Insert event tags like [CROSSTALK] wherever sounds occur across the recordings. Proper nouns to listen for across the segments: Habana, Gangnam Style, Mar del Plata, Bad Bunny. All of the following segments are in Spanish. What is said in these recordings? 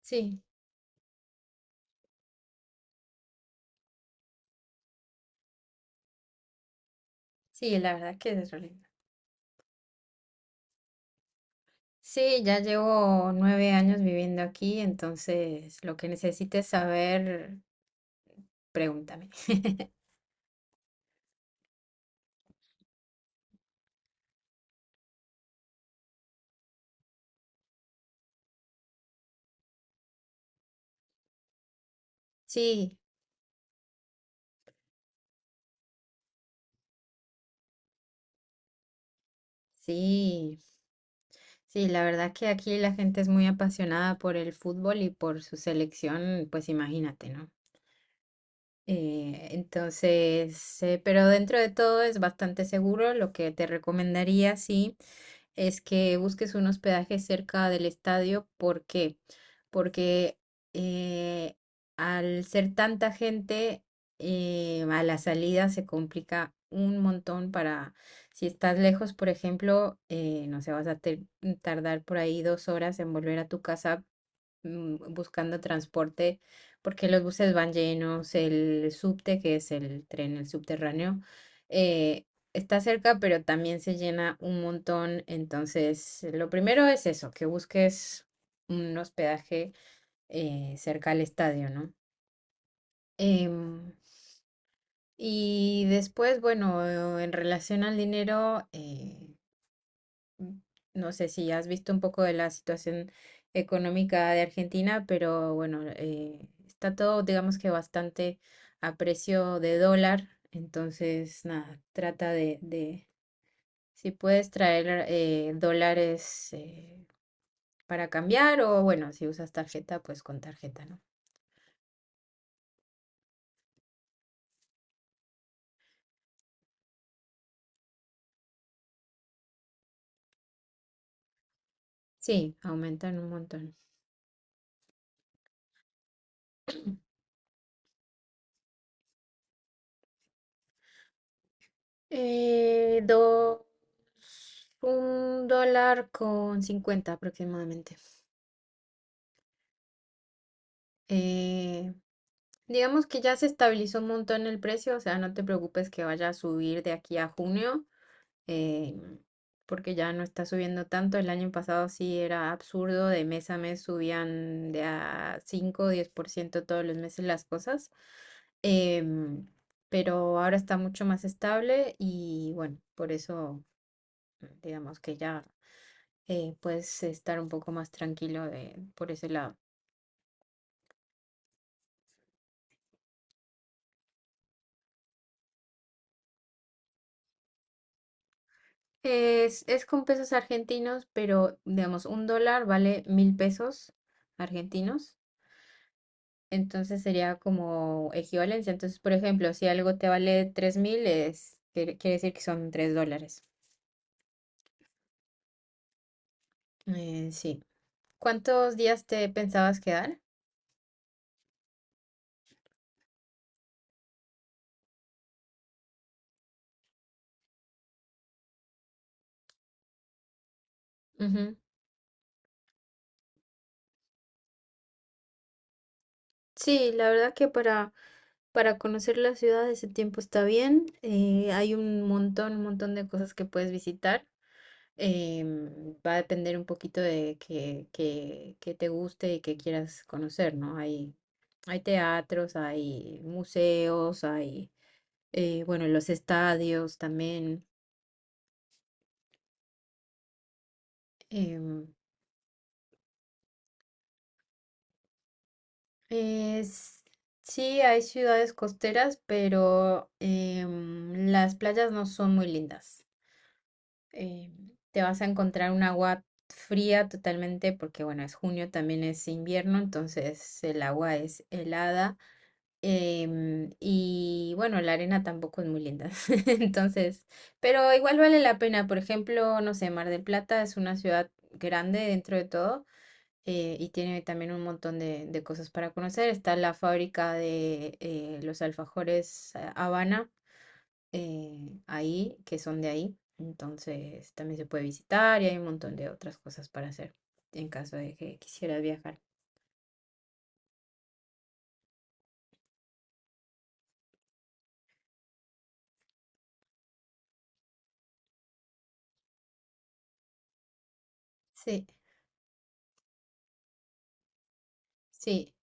Sí, sí, la verdad que es re lindo. Sí, ya llevo 9 años viviendo aquí, entonces lo que necesites saber, pregúntame. [LAUGHS] Sí, sí, sí, la verdad que aquí la gente es muy apasionada por el fútbol y por su selección, pues imagínate, ¿no? Entonces, pero dentro de todo es bastante seguro. Lo que te recomendaría, sí, es que busques un hospedaje cerca del estadio. ¿Por qué? Porque eh, al ser tanta gente, a la salida se complica un montón para, si estás lejos, por ejemplo, no sé, tardar por ahí 2 horas en volver a tu casa, buscando transporte, porque los buses van llenos, el subte, que es el tren, el subterráneo, eh, está cerca, pero también se llena un montón. Entonces, lo primero es eso, que busques un hospedaje, cerca al estadio, ¿no? Em, y después, bueno, en relación al dinero, mm, no sé si has visto un poco de la situación económica de Argentina, pero bueno, está todo, digamos que bastante a precio de dólar. Entonces, nada, trata de si puedes traer, dólares, para cambiar o bueno, si usas tarjeta, pues con tarjeta, ¿no? Sí, aumentan un montón. Eh, dos, un dólar con 50 aproximadamente. Eh, Digamos que ya se estabilizó un montón el precio, o sea, no te preocupes que vaya a subir de aquí a junio, eh, porque ya no está subiendo tanto. El año pasado sí era absurdo, de mes a mes subían de a 5 o 10% todos los meses las cosas, em, pero ahora está mucho más estable y bueno, por eso digamos que ya, puedes estar un poco más tranquilo de, por ese lado. Es con pesos argentinos, pero digamos, un dólar vale 1000 pesos argentinos. Entonces sería como equivalencia. Entonces, por ejemplo, si algo te vale 3000, es, quiere, quiere decir que son $3. Sí. ¿Cuántos días te pensabas quedar? Ujú. Sí, la verdad que para conocer la ciudad ese tiempo está bien. Hay un montón de cosas que puedes visitar. Va a depender un poquito de que te guste y que quieras conocer, ¿no? Hay teatros, hay museos, hay, bueno, los estadios también. em, es, sí, hay ciudades costeras, pero las playas no son muy lindas. Te vas a encontrar un agua fría totalmente porque, bueno, es junio, también es invierno, entonces el agua es helada. Y bueno, la arena tampoco es muy linda. [LAUGHS] Entonces, pero igual vale la pena. Por ejemplo, no sé, Mar del Plata es una ciudad grande dentro de todo, y tiene también un montón de cosas para conocer. Está la fábrica de, los alfajores, Habana, ahí, que son de ahí. Entonces, también se puede visitar y hay un montón de otras cosas para hacer en caso de que quisieras viajar. Sí, sí.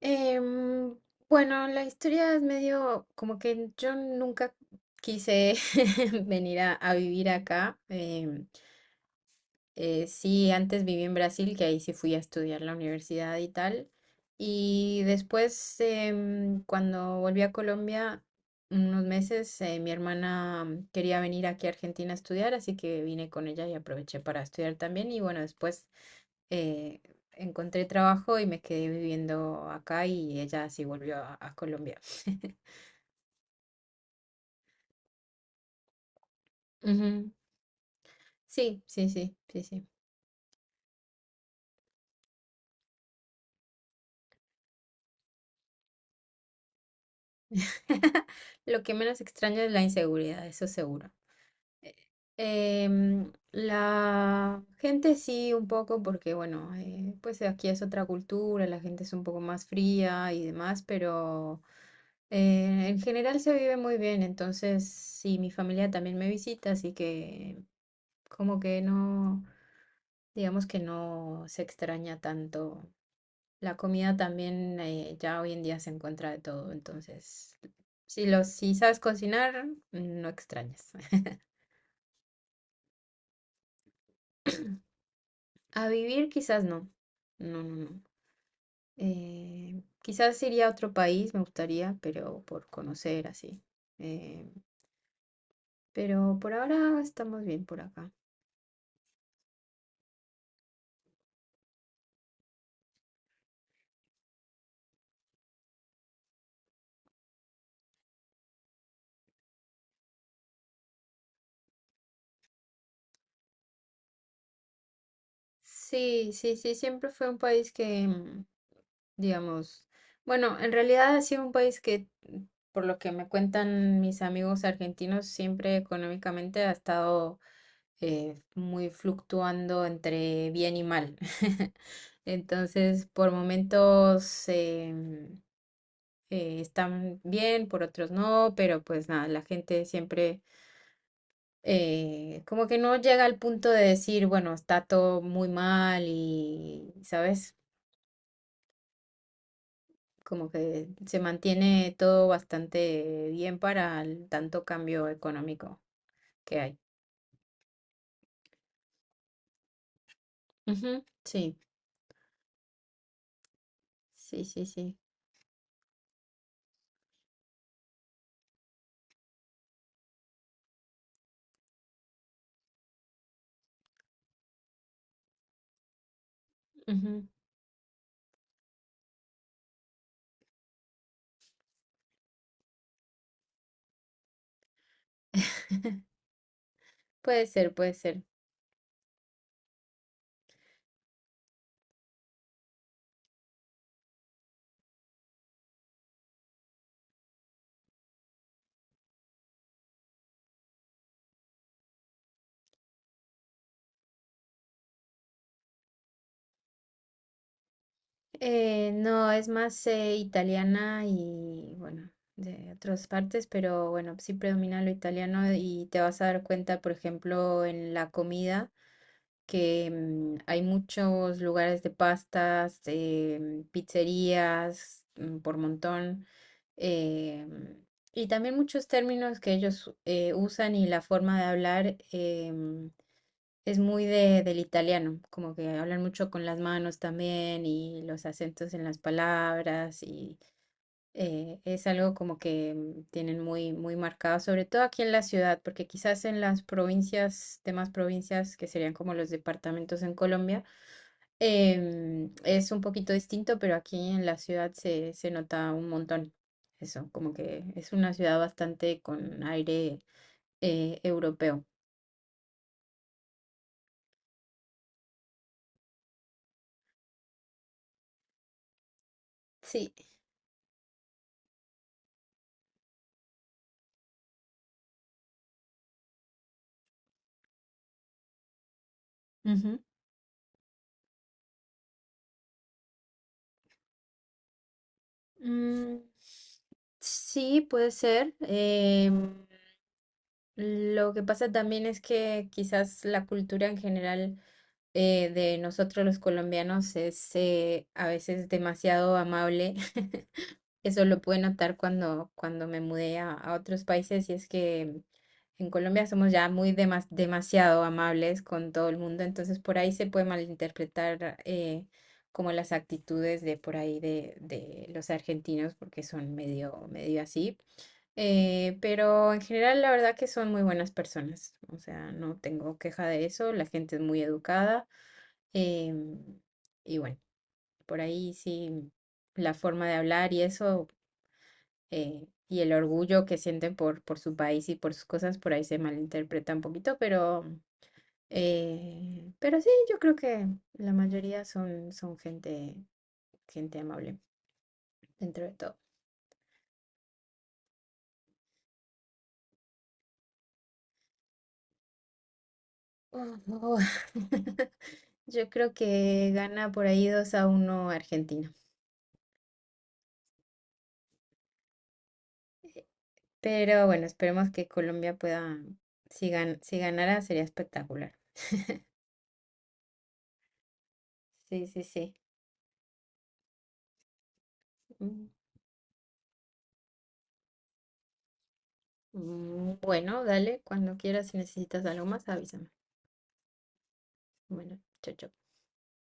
Em, bueno, la historia es medio como que yo nunca quise [LAUGHS] venir a vivir acá. Sí, antes viví en Brasil, que ahí sí fui a estudiar la universidad y tal. Y después, cuando volví a Colombia, unos meses, mi hermana, quería venir aquí a Argentina a estudiar, así que vine con ella y aproveché para estudiar también. Y bueno, después, eh, encontré trabajo y me quedé viviendo acá y ella sí volvió a Colombia. [LAUGHS] Ujú. Sí, sí, sí, sí, sí. [LAUGHS] Lo que menos extraño es la inseguridad, eso seguro. La gente sí, un poco, porque bueno, pues aquí es otra cultura, la gente es un poco más fría y demás, pero, en general se vive muy bien, entonces sí, mi familia también me visita, así que como que no, digamos que no se extraña tanto. La comida también, ya hoy en día se encuentra de todo, entonces si sabes cocinar, no extrañas. [LAUGHS] A vivir quizás no. No, no, no. Quizás iría a otro país, me gustaría, pero por conocer así. Eh, pero por ahora estamos bien por acá. Sí, sí, sí, siempre fue un país que, digamos, bueno, en realidad ha sido un país que, por lo que me cuentan mis amigos argentinos, siempre económicamente ha estado, muy fluctuando entre bien y mal. [LAUGHS] Entonces, por momentos, están bien, por otros no, pero pues nada, la gente siempre, como que no llega al punto de decir, bueno, está todo muy mal y, ¿sabes? Como que se mantiene todo bastante bien para el tanto cambio económico que hay. Ujú. Sí, sí, sí, sí. Ujú. Puede ser, puede ser. No, es más, italiana y bueno, de otras partes, pero bueno, sí predomina lo italiano y te vas a dar cuenta, por ejemplo, en la comida, que, hay muchos lugares de pastas, pizzerías, por montón, em, y también muchos términos que ellos, usan y la forma de hablar. Es muy del italiano, como que hablan mucho con las manos también y los acentos en las palabras y, es algo como que, tienen muy, muy marcado, sobre todo aquí en la ciudad, porque quizás en las provincias, demás provincias que serían como los departamentos en Colombia, es un poquito distinto, pero aquí en la ciudad se nota un montón. Eso, como que es una ciudad bastante con aire, europeo. Sí. Mm, sí, puede ser. Lo que pasa también es que quizás la cultura en general, de nosotros los colombianos es, a veces demasiado amable. [LAUGHS] Eso lo pude notar cuando me mudé a otros países y es que en Colombia somos ya muy demasiado amables con todo el mundo, entonces por ahí se puede malinterpretar, como las actitudes de por ahí de los argentinos porque son medio, medio así, pero en general la verdad que son muy buenas personas, o sea, no tengo queja de eso, la gente es muy educada, em, y bueno, por ahí sí la forma de hablar y eso, y el orgullo que sienten por su país y por sus cosas, por ahí se malinterpreta un poquito, pero sí, yo creo que la mayoría son, gente amable dentro de todo. Oh, oh. [LAUGHS] Yo creo que gana por ahí 2-1 Argentina. Pero bueno, esperemos que Colombia pueda, si ganara sería espectacular. Sí, sí, sí. Mm, mm, bueno, dale, cuando quieras, si necesitas algo más, avísame. Bueno, chao, chao.